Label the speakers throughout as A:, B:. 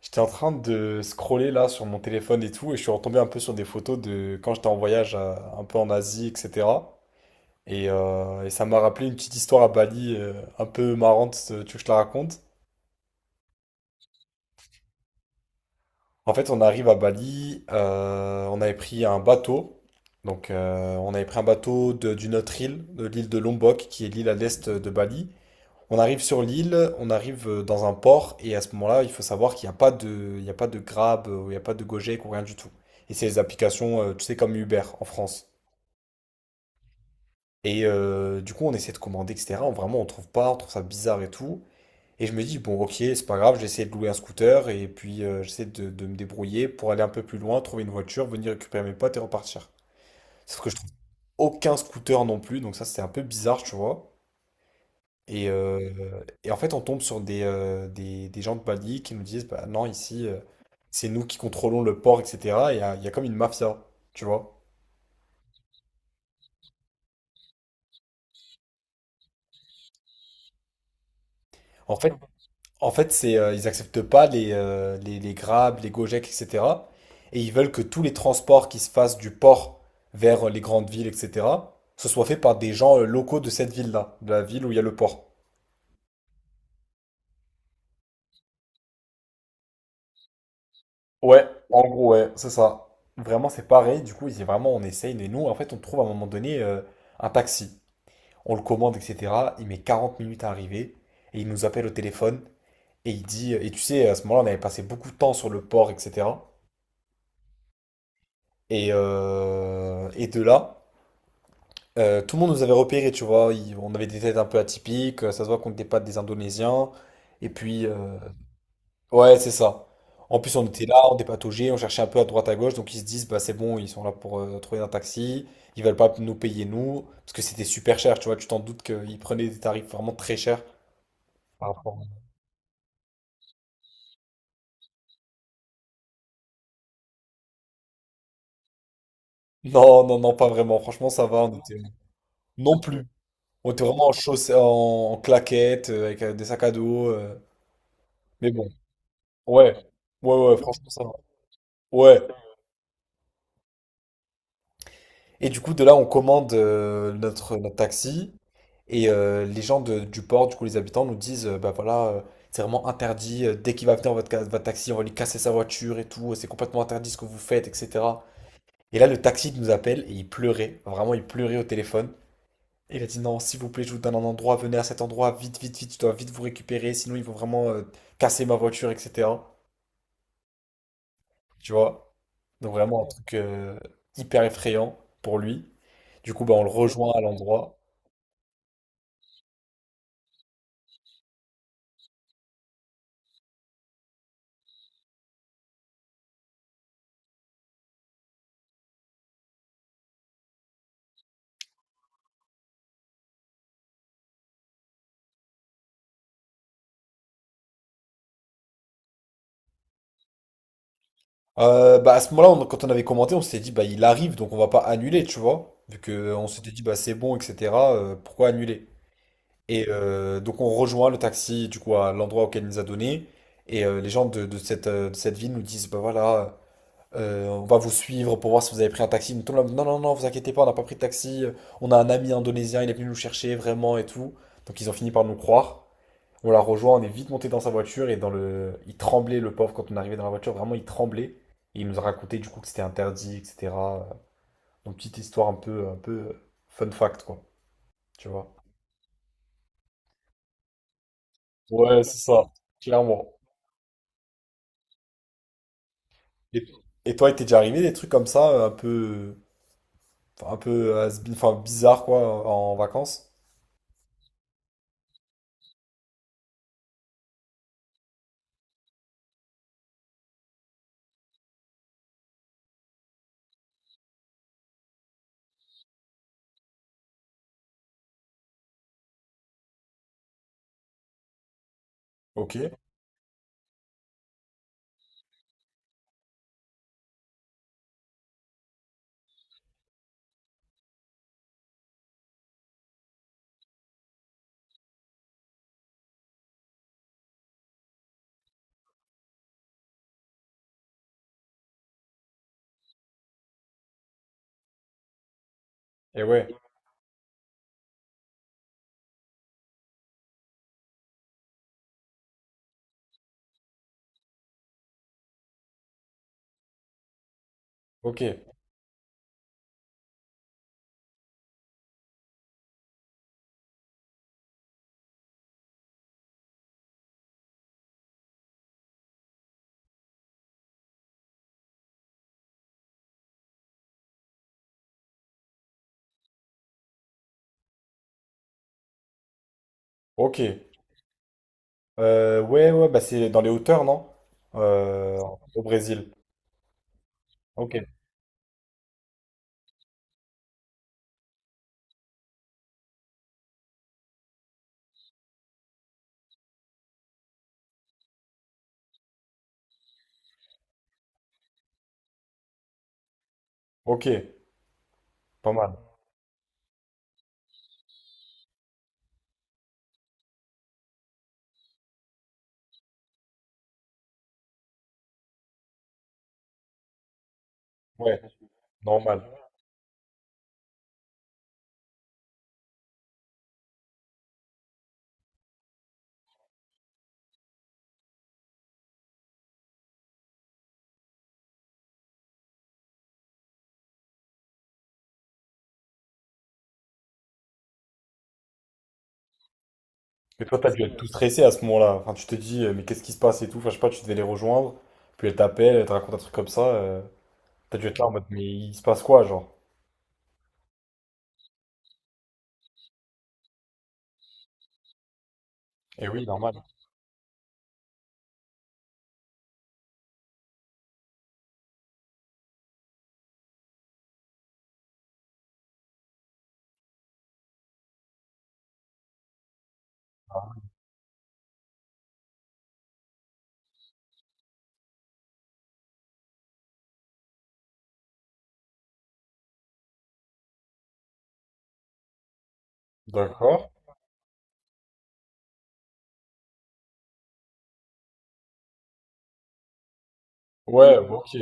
A: J'étais en train de scroller là sur mon téléphone et tout, et je suis retombé un peu sur des photos de quand j'étais en voyage un peu en Asie, etc. Et ça m'a rappelé une petite histoire à Bali un peu marrante, tu veux que je te la raconte? En fait, on arrive à Bali, on avait pris un bateau, on avait pris un bateau d'une autre île, de l'île de Lombok, qui est l'île à l'est de Bali. On arrive sur l'île, on arrive dans un port, et à ce moment-là, il faut savoir qu'il n'y a pas de Grab, il n'y a pas de Gojek ou rien du tout. Et c'est les applications, tu sais, comme Uber en France. Du coup, on essaie de commander, etc. On trouve pas, on trouve ça bizarre et tout. Et je me dis, bon, ok, c'est pas grave, j'essaie de louer un scooter, et puis j'essaie de me débrouiller pour aller un peu plus loin, trouver une voiture, venir récupérer mes potes et repartir. Sauf que je trouve aucun scooter non plus, donc ça, c'est un peu bizarre, tu vois. Et en fait, on tombe sur des gens de Bali qui nous disent, bah non, ici, c'est nous qui contrôlons le port, etc. Et il y a comme une mafia, tu vois. En fait, en fait, ils acceptent pas les Grab, les Gojek, etc. Et ils veulent que tous les transports qui se fassent du port vers les grandes villes, etc., ce soit fait par des gens locaux de cette ville-là, de la ville où il y a le port. Ouais, en gros, ouais, c'est ça. Vraiment, c'est pareil. Du coup, c'est vraiment, on essaye. Et nous, en fait, on trouve à un moment donné un taxi. On le commande, etc. Il met 40 minutes à arriver et il nous appelle au téléphone et il dit, et tu sais, à ce moment-là, on avait passé beaucoup de temps sur le port, etc. Et de là, tout le monde nous avait repérés, tu vois. On avait des têtes un peu atypiques, ça se voit qu'on n'était pas des Indonésiens. Et puis, ouais, c'est ça. En plus, on était là, on dépatouillait, on cherchait un peu à droite à gauche, donc ils se disent, bah c'est bon, ils sont là pour trouver un taxi, ils veulent pas nous payer nous, parce que c'était super cher, tu vois, tu t'en doutes qu'ils prenaient des tarifs vraiment très chers. Non, non, non, pas vraiment. Franchement, ça va. On était... Non plus. On était vraiment en chaussettes, en claquettes, avec des sacs à dos. Mais bon, ouais. Ouais, ouais, franchement, ça va. Ouais. Et du coup, de là, on commande notre taxi. Les gens du port, du coup, les habitants nous disent, bah voilà, c'est vraiment interdit, dès qu'il va venir votre taxi, on va lui casser sa voiture et tout. C'est complètement interdit ce que vous faites, etc. Et là, le taxi nous appelle et il pleurait. Vraiment, il pleurait au téléphone. Il a dit non, s'il vous plaît, je vous donne un endroit, venez à cet endroit, vite, vite, vite, je dois vite vous récupérer, sinon ils vont vraiment casser ma voiture, etc. Tu vois? Donc vraiment un truc hyper effrayant pour lui. Du coup, bah, on le rejoint à l'endroit. Bah, à ce moment-là, quand on avait commenté, on s'était dit, bah, il arrive, donc on va pas annuler, tu vois? Vu qu'on s'était dit, bah, c'est bon, etc., pourquoi annuler? Donc on rejoint le taxi, du coup, à l'endroit auquel il nous a donné. Les gens de cette ville nous disent, bah voilà. On va vous suivre pour voir si vous avez pris un taxi. Mais tout le monde, non, non, non, vous inquiétez pas, on n'a pas pris de taxi. On a un ami indonésien, il est venu nous chercher vraiment et tout. Donc ils ont fini par nous croire. On l'a rejoint, on est vite monté dans sa voiture et dans le, il tremblait le pauvre quand on arrivait dans la voiture, vraiment il tremblait. Et il nous a raconté du coup que c'était interdit, etc. Donc petite histoire un peu fun fact quoi, tu vois. Ouais, c'est ça, clairement. Et, et toi, il t'est déjà arrivé des trucs comme ça, enfin, un peu has-been, enfin bizarre quoi, en vacances? Ok. Et ouais. Ok, ok. Ouais, ouais, bah c'est dans les hauteurs, non? Euh, au Brésil. Ok, ok, pas mal. Ouais, normal. Et toi, t'as dû être tout stressé à ce moment-là. Enfin, tu te dis, mais qu'est-ce qui se passe et tout. Enfin, je sais pas, tu devais les rejoindre. Puis elle t'appelle, elle te raconte un truc comme ça. T'as dû être là en mode, mais il se passe quoi, genre? Eh oui, normal. D'accord. Ouais, ok.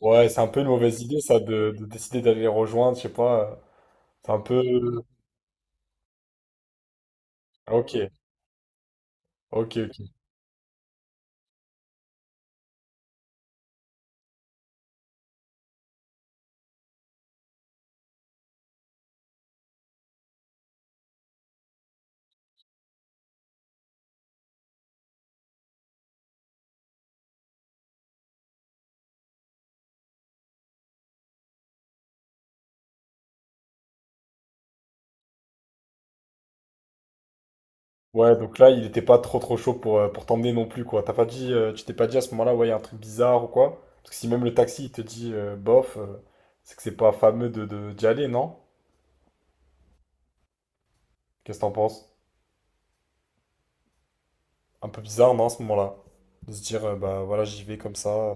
A: Ouais, c'est un peu une mauvaise idée, ça, de décider d'aller les rejoindre, je sais pas. C'est un peu. Ok, ok, ok. Ouais, donc là, il était pas trop trop chaud pour t'emmener non plus, quoi. T'as pas dit, tu t'es pas dit à ce moment-là, ouais, il y a un truc bizarre ou quoi? Parce que si même le taxi, il te dit, bof, c'est que c'est pas fameux d'y aller, non? Qu'est-ce que t'en penses? Un peu bizarre, non, à ce moment-là? De se dire, bah voilà, j'y vais comme ça.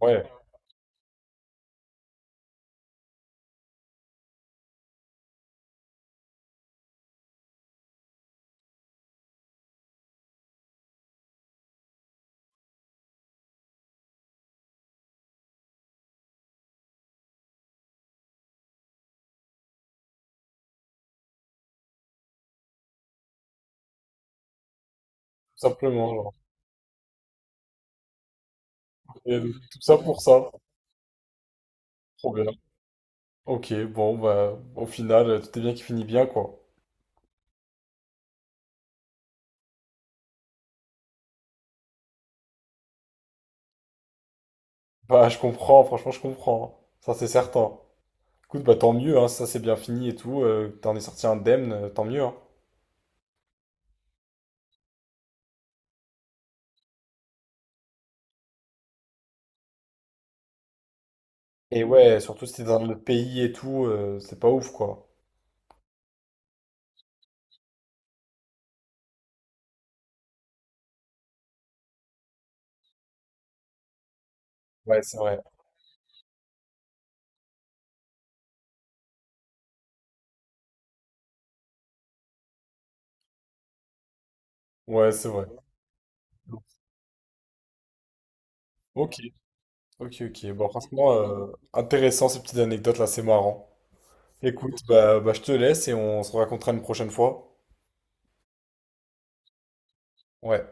A: Ouais, tout simplement, genre. Et donc, tout ça pour ça. Trop bien. Ok, bon, bah, au final, tout est bien qui finit bien, quoi. Bah, je comprends, franchement, je comprends. Ça, c'est certain. Écoute, bah, tant mieux, hein, si ça, c'est bien fini et tout. T'en es sorti indemne, tant mieux, hein. Et ouais, surtout si t'es dans notre pays et tout, c'est pas ouf quoi. Ouais, c'est vrai. Ouais, c'est vrai. Ok, ok, ok. Bon, franchement, intéressant ces petites anecdotes là, c'est marrant. Écoute, bah je te laisse et on se racontera une prochaine fois. Ouais.